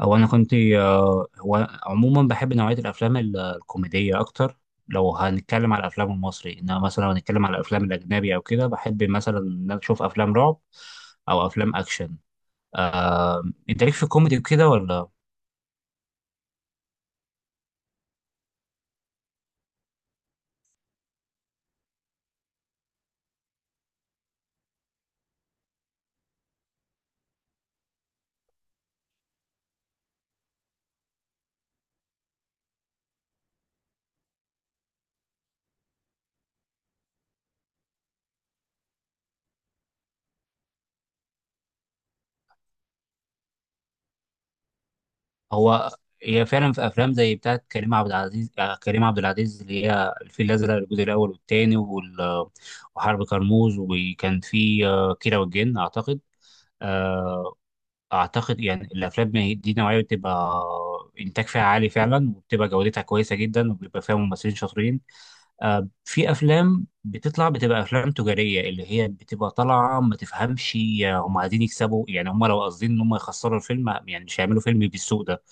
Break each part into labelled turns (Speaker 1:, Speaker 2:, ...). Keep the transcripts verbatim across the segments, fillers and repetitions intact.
Speaker 1: او انا كنت آه، هو عموما بحب نوعيه الافلام ال- الكوميديه اكتر لو هنتكلم على الافلام المصري، انما مثلا لو هنتكلم على الافلام الاجنبي او كده بحب مثلا ان انا اشوف افلام رعب او افلام اكشن. آه، انت ليك في الكوميدي وكده ولا؟ هو هي فعلا في افلام زي بتاعت كريم عبد العزيز، آه، كريم عبد العزيز اللي هي الفيل الازرق الجزء الاول والثاني وحرب كرموز، وكان في آه، كيرة والجن اعتقد. آه، اعتقد يعني الافلام دي نوعيه بتبقى انتاج فيها عالي فعلا، وبتبقى جودتها كويسه جدا وبيبقى فيها ممثلين شاطرين. آه، في افلام بتطلع بتبقى افلام تجاريه اللي هي بتبقى طالعه ما تفهمش هم عايزين يكسبوا يعني، هم لو قاصدين ان هم يخسروا الفيلم يعني مش هيعملوا فيلم بالسوء ده.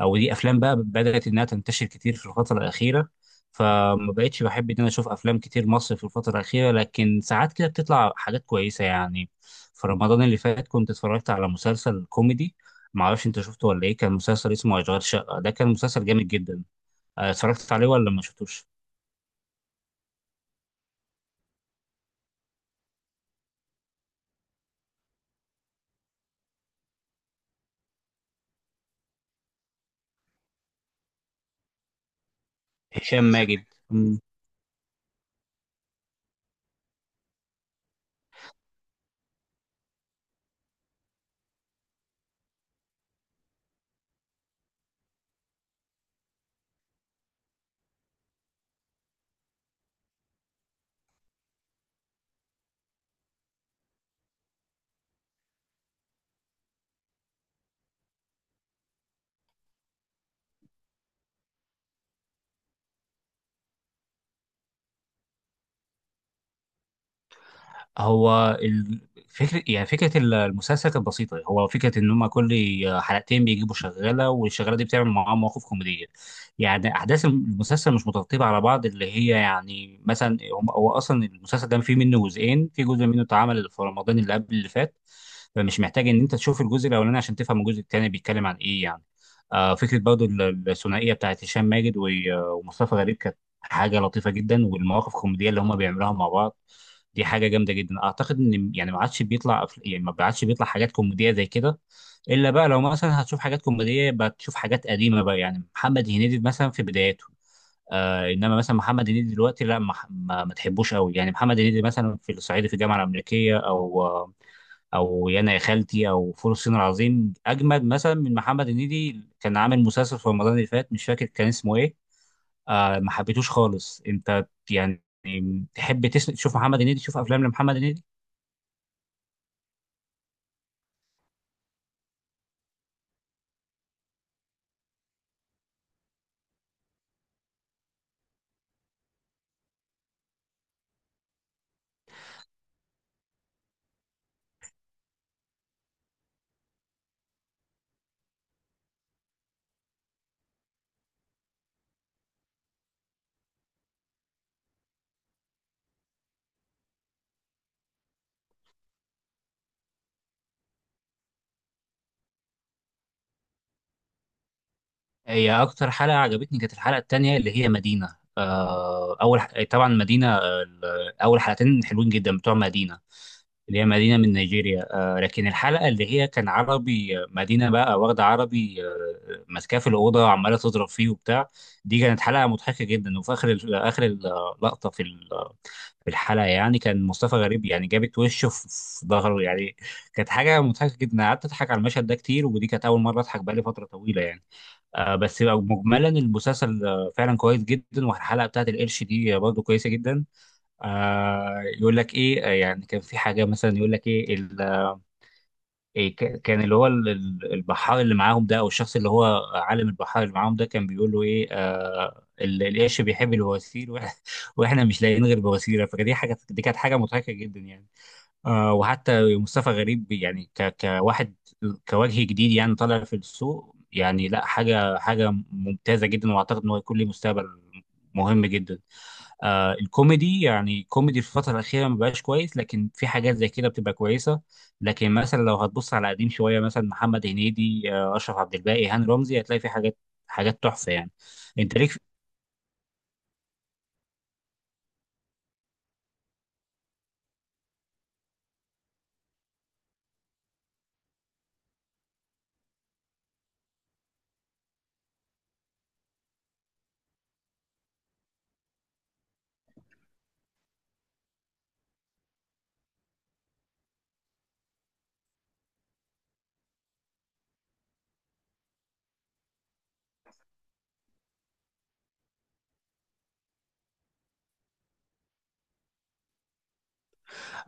Speaker 1: او دي افلام بقى بدات انها تنتشر كتير في الفتره الاخيره، فما بقتش بحب ان انا اشوف افلام كتير مصري في الفتره الاخيره، لكن ساعات كده بتطلع حاجات كويسه يعني. في رمضان اللي فات كنت اتفرجت على مسلسل كوميدي، ما اعرفش انت شفته ولا ايه، كان مسلسل اسمه اشغال شقه، ده كان مسلسل جامد جدا. آه، اتفرجت عليه ولا ما شفتوش؟ هشام ماجد. هو الفكرة يعني فكرة المسلسل كانت بسيطة، هو فكرة إن هما كل حلقتين بيجيبوا شغالة والشغالة دي بتعمل معاهم مواقف كوميدية. يعني أحداث المسلسل مش مترتبة على بعض اللي هي يعني مثلا هم- هو أصلا المسلسل ده فيه منه جزئين، في جزء منه اتعمل في رمضان اللي قبل اللي فات، فمش محتاج إن أنت تشوف الجزء الأولاني عشان تفهم الجزء التاني بيتكلم عن إيه يعني. آه فكرة برضو ال- الثنائية بتاعت هشام ماجد و- ومصطفى غريب كانت حاجة لطيفة جدا، والمواقف الكوميدية اللي هما بيعملوها مع بعض دي حاجه جامده جدا. اعتقد ان يعني ما عادش بيطلع أف- يعني ما عادش بيطلع حاجات كوميديه زي كده، الا بقى لو مثلا هتشوف حاجات كوميديه بقى تشوف حاجات قديمه بقى، يعني محمد هنيدي مثلا في بداياته. آه انما مثلا محمد هنيدي دلوقتي لا، ما ما, ما تحبوش قوي يعني. محمد هنيدي مثلا في الصعيدي في الجامعه الامريكيه، او آه، او يانا يا خالتي، او فول الصين العظيم اجمد مثلا من محمد هنيدي كان عامل مسلسل في رمضان اللي فات مش فاكر كان اسمه ايه. آه ما حبيتوش خالص. انت يعني تحب تسمع تشوف محمد هنيدي، تشوف افلام لمحمد هنيدي؟ هي اكتر حلقه عجبتني كانت الحلقه التانية اللي هي مدينه، آه اول ح... طبعا مدينه، آه، اول حلقتين حلوين جدا بتوع مدينه، اللي هي مدينه من نيجيريا. آه لكن الحلقه اللي هي كان عربي، آه، مدينه بقى واخده عربي آه ماسكاه في الاوضه وعماله تضرب فيه وبتاع، دي كانت حلقه مضحكه جدا. وفي اخر ال- اخر اللقطه في ال... آه، في الحلقه يعني كان مصطفى غريب يعني جابت وشه في في ظهره يعني، كانت حاجه مضحكه جدا قعدت اضحك على المشهد ده كتير، ودي كانت اول مره اضحك بقالي فتره طويله يعني. آه بس بقى مجملا المسلسل آه، فعلا كويس جدا، والحلقه بتاعت القرش دي برضه كويسه جدا. آه يقول لك ايه، آه، يعني كان في حاجه مثلا يقول لك ايه، إيه ك- كان اللي هو ال- ال- البحار اللي معاهم ده، او الشخص اللي هو عالم البحار اللي معاهم ده كان بيقول له ايه آه ال- القرش بيحب البواسير وإح- واحنا مش لاقيين غير بواسير، فدي حاجه دي كانت حاجه مضحكه جدا يعني. آه وحتى مصطفى غريب يعني ك كواحد كوجه جديد يعني طالع في السوق يعني، لا حاجه حاجه ممتازه جدا، واعتقد ان هو يكون له مستقبل مهم جدا. آه الكوميدي يعني كوميدي في الفترة الأخيرة ما بقاش كويس، لكن في حاجات زي كده بتبقى كويسة. لكن مثلا لو هتبص على قديم شوية مثلا محمد هنيدي، آه أشرف عبد الباقي، هاني رمزي، هتلاقي في حاجات حاجات تحفة يعني. أنت ليك.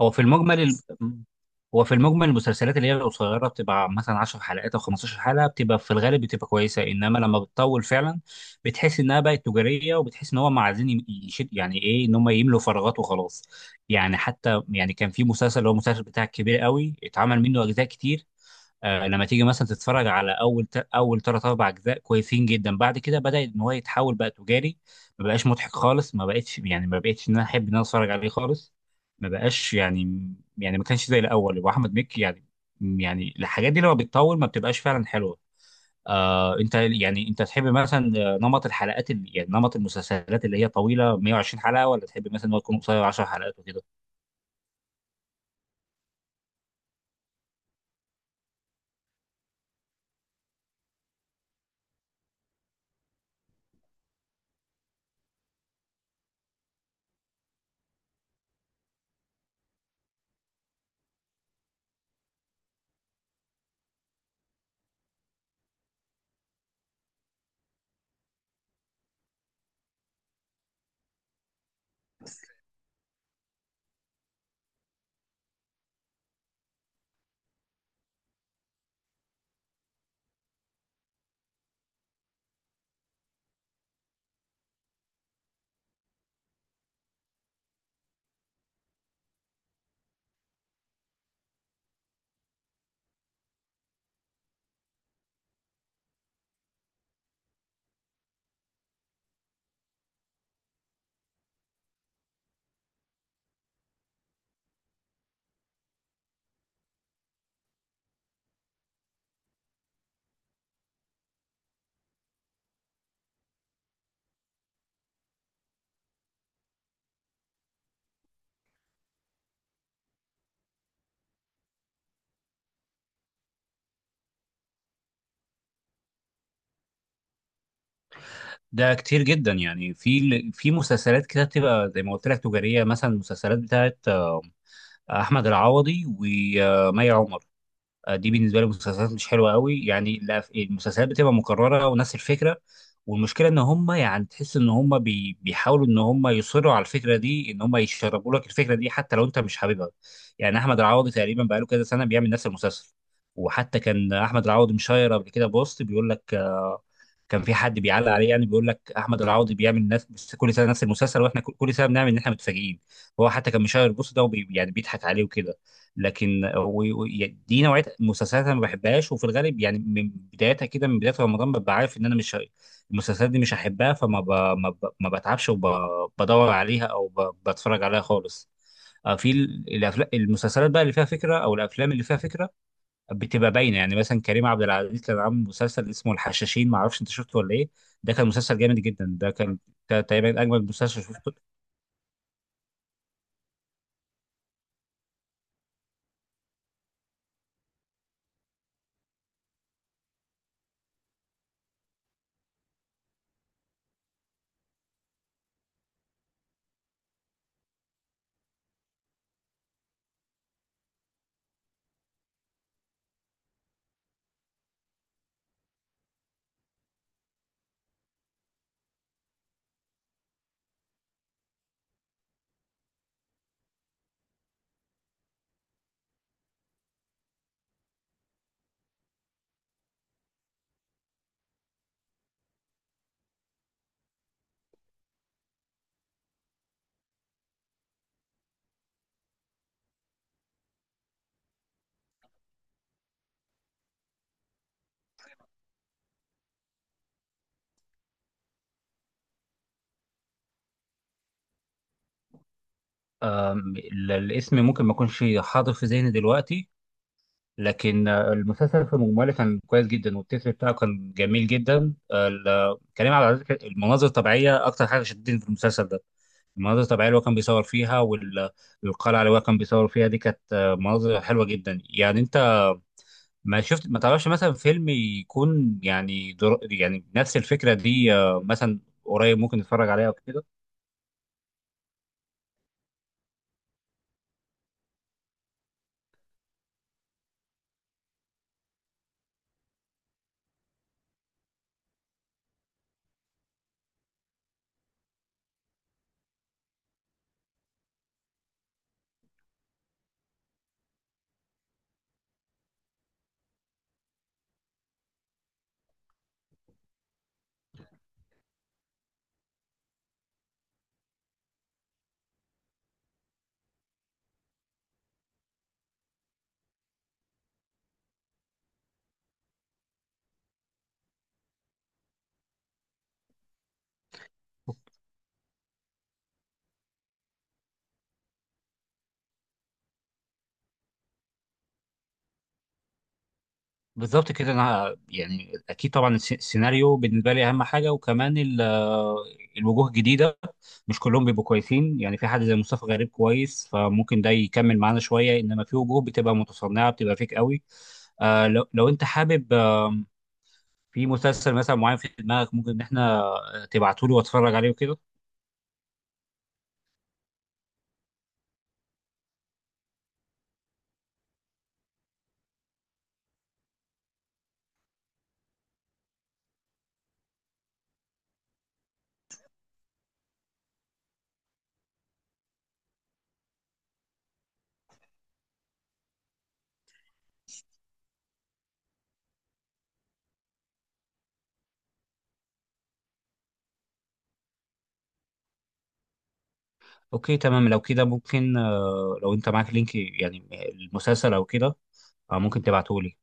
Speaker 1: هو في المجمل، هو في المجمل المسلسلات اللي هي القصيره بتبقى مثلا عشر حلقات او خمستاشر حلقه بتبقى في الغالب بتبقى كويسه، انما لما بتطول فعلا بتحس انها بقت تجاريه، وبتحس ان هم عايزين يم- يشد يعني ايه ان هم يملوا فراغات وخلاص. يعني حتى يعني كان في مسلسل اللي هو المسلسل بتاع الكبير قوي اتعمل منه اجزاء كتير، آه، لما تيجي مثلا تتفرج على اول ت- اول ثلاث اربع اجزاء كويسين جدا، بعد كده بدا ان هو يتحول بقى تجاري، ما بقاش مضحك خالص، ما بقتش يعني ما بقتش ان انا احب ان انا اتفرج عليه خالص، ما بقاش يعني، يعني ما كانش زي الاول. واحمد مكي يعني، يعني الحاجات دي لما بتطول ما بتبقاش فعلا حلوه. آه انت يعني انت تحب مثلا آه، نمط الحلقات اللي يعني نمط المسلسلات اللي هي طويله مئة وعشرين حلقه، ولا تحب مثلا إن هو يكون قصير عشر حلقات وكده؟ ده كتير جدا يعني. في في مسلسلات كده بتبقى زي ما قلت لك تجاريه، مثلا المسلسلات بتاعت احمد العوضي ومي عمر، دي بالنسبه لي مسلسلات مش حلوه قوي يعني. لا- المسلسلات بتبقى مكرره ونفس الفكره، والمشكله ان هم يعني تحس ان هم بي بيحاولوا ان هم يصروا على الفكره دي، ان هم يشربوا لك الفكره دي حتى لو انت مش حاببها. يعني احمد العوضي تقريبا بقاله كذا سنه بيعمل نفس المسلسل، وحتى كان احمد العوضي مشاير قبل كده بوست بيقول لك، كان في حد بيعلق عليه يعني بيقول لك احمد العوضي بيعمل نفس بس كل سنه نفس المسلسل، واحنا كل كل سنه بنعمل ان احنا متفاجئين. هو حتى كان مشاهير البوس ده وبي يعني بيضحك عليه وكده. لكن و- و- ي- دي نوعيه مسلسلات انا ما بحبهاش، وفي الغالب يعني من بدايتها كده من بدايه رمضان ببقى عارف ان انا مش ه- المسلسلات دي مش هحبها، فما ب... ما, ب... ما بتعبش وبدور عليها او ب... بتفرج عليها خالص. آه، في ال- الافلام المسلسلات بقى اللي فيها فكره، او الافلام اللي فيها فكره بتبقى باينه يعني. مثلا كريم عبد العزيز كان عامل مسلسل اسمه الحشاشين، ما اعرفش انت شفته ولا ايه، ده كان مسلسل جامد جدا، ده كان كان تقريبا اجمد مسلسل شفته. أم، ال- الاسم ممكن ما يكونش حاضر في ذهني دلوقتي، لكن آه، المسلسل في مجمله كان كويس جدا، والتتر بتاعه كان جميل جدا، آه، ال- كريم عبد العزيز كان- المناظر الطبيعيه اكتر حاجه شدتني في المسلسل ده، المناظر الطبيعيه اللي هو كان بيصور فيها وال- والقلعه اللي هو كان بيصور فيها دي كانت آه، مناظر حلوه جدا يعني. انت ما شفت ما تعرفش مثلا فيلم يكون يعني در... يعني نفس الفكرة دي، آه، مثلا قريب ممكن نتفرج عليها او كده؟ بالظبط كده. انا يعني اكيد طبعا الس- السيناريو بالنسبة لي اهم حاجة، وكمان ال- آه، الوجوه الجديدة مش كلهم بيبقوا كويسين يعني، في حد زي مصطفى غريب كويس فممكن ده يكمل معانا شوية، انما في وجوه بتبقى متصنعة بتبقى فيك قوي. آه لو, لو انت حابب آه في مسلسل مثلا معين في دماغك، ممكن ان احنا تبعته لي واتفرج عليه وكده. اوكي تمام، لو كده ممكن آه، لو انت معاك لينك يعني المسلسل او كده، آه، ممكن تبعته لي.